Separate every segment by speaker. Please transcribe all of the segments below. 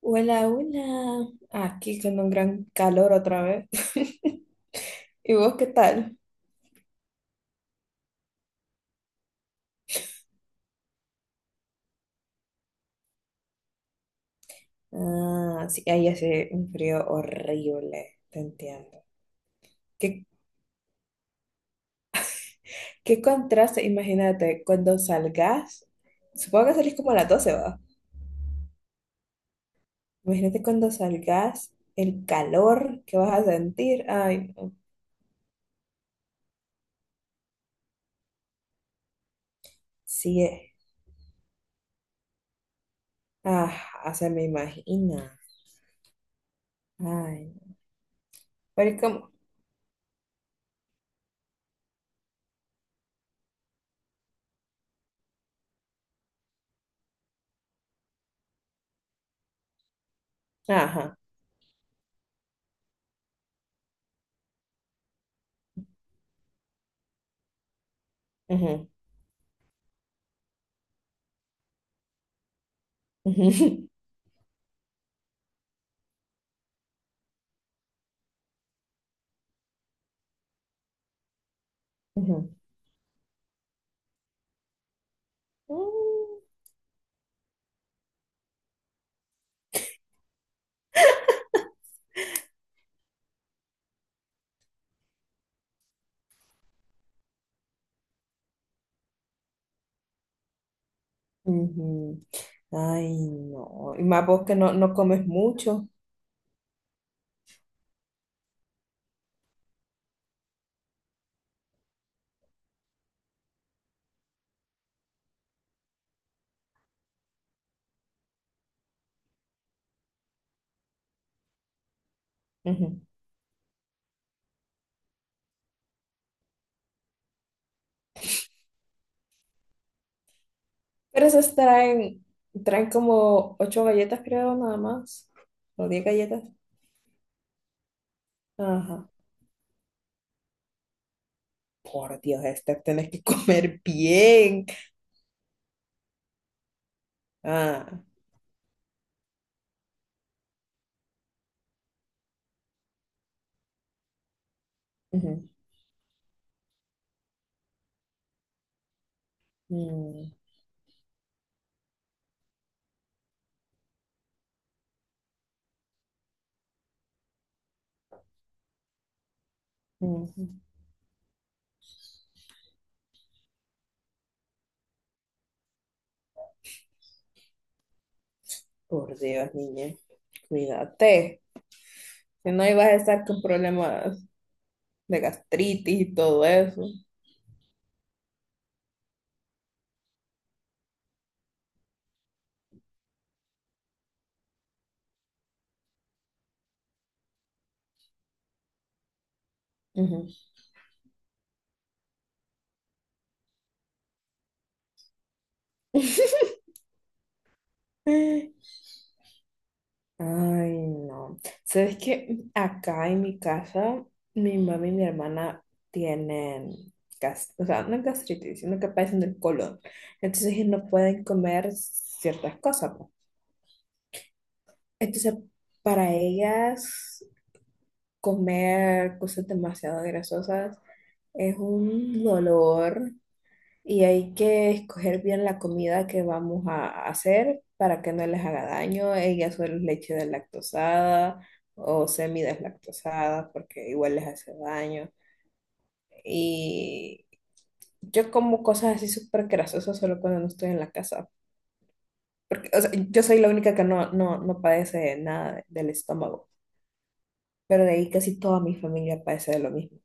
Speaker 1: Hola, hola. Aquí con un gran calor otra vez. ¿Y vos qué tal? Ah, sí, ahí hace un frío horrible, te entiendo. ¿Qué, qué contraste? Imagínate cuando salgas, supongo que salís como a las doce, ¿va? Imagínate cuando salgas, el calor que vas a sentir. Ay, no. Sí, eh. Ah, se me imagina. Ay, no. Pero es como, ajá, ujú, ujú, ujú. Mm. Ujú. Ay, no. Y más vos que no, no comes mucho. Ujú. Pero esas traen, como ocho galletas, creo, nada más. O diez galletas. Ajá. Por Dios, Esther, tenés que comer bien. Ah. Ujú. Mm, ujú. Por Dios, niña. Cuídate. Si no, ibas a estar con problemas de gastritis y todo eso. Ujú. Ay, no. ¿Sabes qué? Acá en mi casa, mi mamá y mi hermana tienen gas, o sea, no gastritis, sino que padecen del colon. Entonces ellos no pueden comer ciertas cosas, pues. Entonces, para ellas, comer cosas demasiado grasosas es un dolor, y hay que escoger bien la comida que vamos a hacer para que no les haga daño. Ellas suelen leche deslactosada o semideslactosada porque igual les hace daño. Y yo como cosas así súper grasosas solo cuando no estoy en la casa. Porque, o sea, yo soy la única que no padece nada del estómago. Pero de ahí casi toda mi familia padece de lo mismo.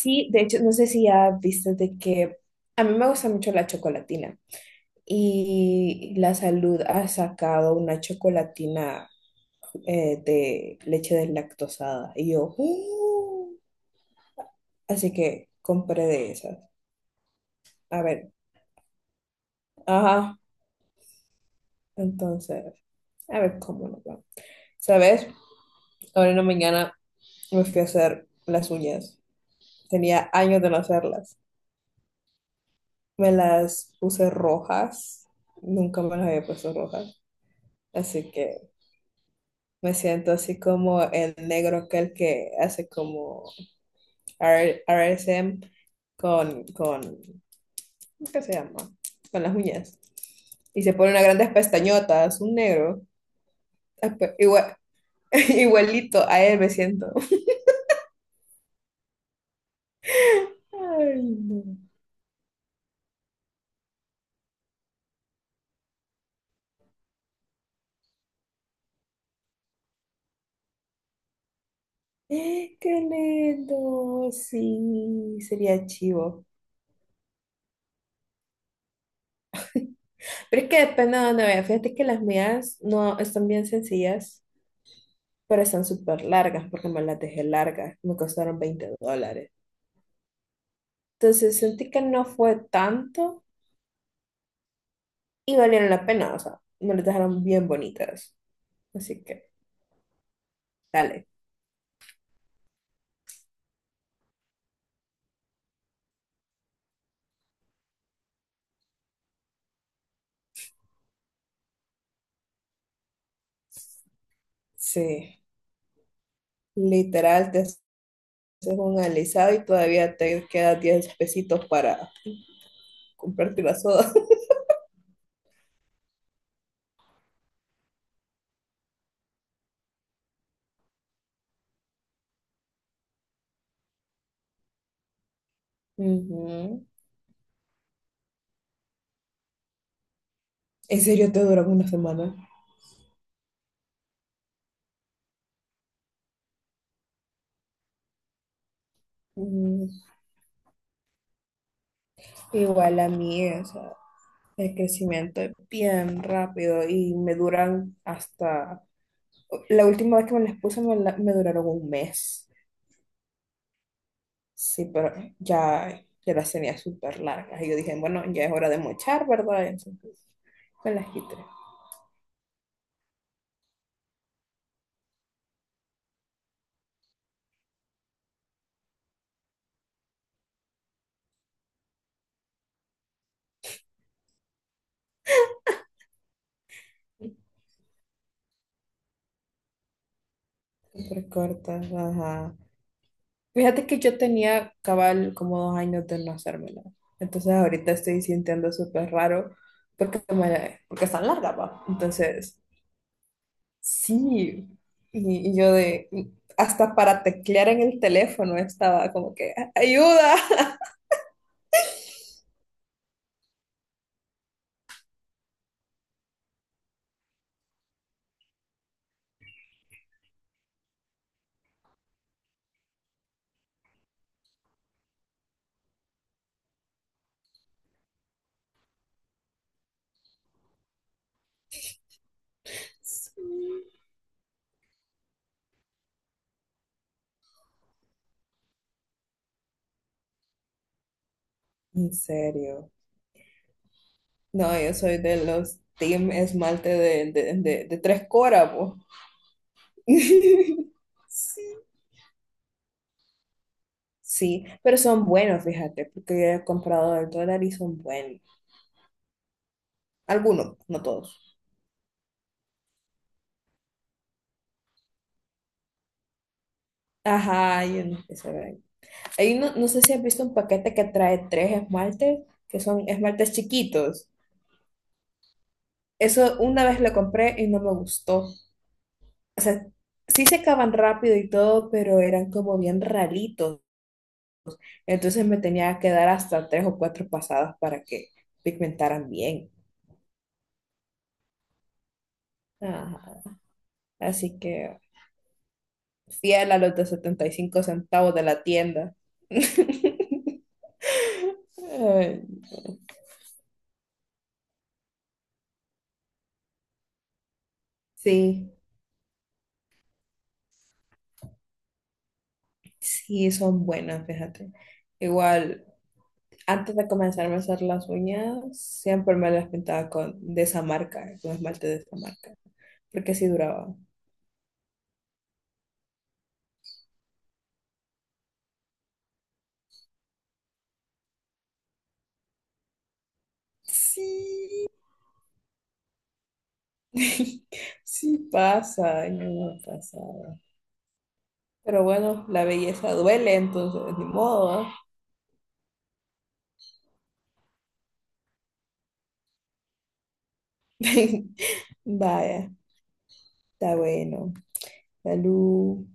Speaker 1: Sí, de hecho, no sé si ya viste de que a mí me gusta mucho la chocolatina y la salud ha sacado una chocolatina, de leche deslactosada y yo, "Uh", así que compré de esas. A ver, ajá, entonces, a ver cómo nos va. ¿Sabes? Ahora en la mañana me fui a hacer las uñas. Tenía años de no hacerlas. Me las puse rojas, nunca me las había puesto rojas, así que me siento así como el negro aquel que hace como RSM con, ¿qué se llama? Con las uñas. Y se pone unas grandes pestañotas, un negro. Ah, igualito a él me siento. Ay, no. Qué lindo, sí, sería chivo. Pero es que depende de dónde vaya. Fíjate que las mías no están bien sencillas, pero están súper largas porque me las dejé largas. Me costaron $20. Entonces sentí que no fue tanto y valieron la pena. O sea, me las dejaron bien bonitas. Así que, dale. Sí, literal, te haces un alisado y todavía te quedan 10 pesitos para comprarte la soda. Ujú. ¿En serio te duran una semana? Mm, igual a mí, o sea. El crecimiento es bien rápido y me duran hasta... La última vez que me las puse me duraron un mes. Sí, pero ya las tenía súper largas. Y yo dije, bueno, ya es hora de mochar, ¿verdad? Entonces me las quité. Súper cortas, ajá. Fíjate que yo tenía cabal como 2 años de no hacérmela. Entonces ahorita estoy sintiendo súper raro porque están largas, ¿va? Entonces... Sí, y yo hasta para teclear en el teléfono estaba como que, ayuda. Sí. En serio. No, yo soy de los team esmalte de tres coras, po. Sí. Sí, pero son buenos, fíjate, porque yo he comprado al dólar y son buenos. Algunos, no todos. Ajá, yo no sé saber. Ahí no, no sé si has visto un paquete que trae tres esmaltes, que son esmaltes chiquitos. Eso una vez lo compré y no me gustó. O sea, sí se acaban rápido y todo, pero eran como bien ralitos. Entonces me tenía que dar hasta tres o cuatro pasadas para que pigmentaran bien. Ajá. Así que fiel a los de 75 centavos de la tienda. Ay. Sí, sí, son buenas, fíjate. Igual, antes de comenzarme a hacer las uñas, siempre me las pintaba con, de esa marca, con esmalte de esa marca, porque sí duraba. Sí, sí pasa, ay, no me ha pasado. Pero bueno, la belleza duele, entonces ni modo, ¿ah? Vaya, está bueno. Salud.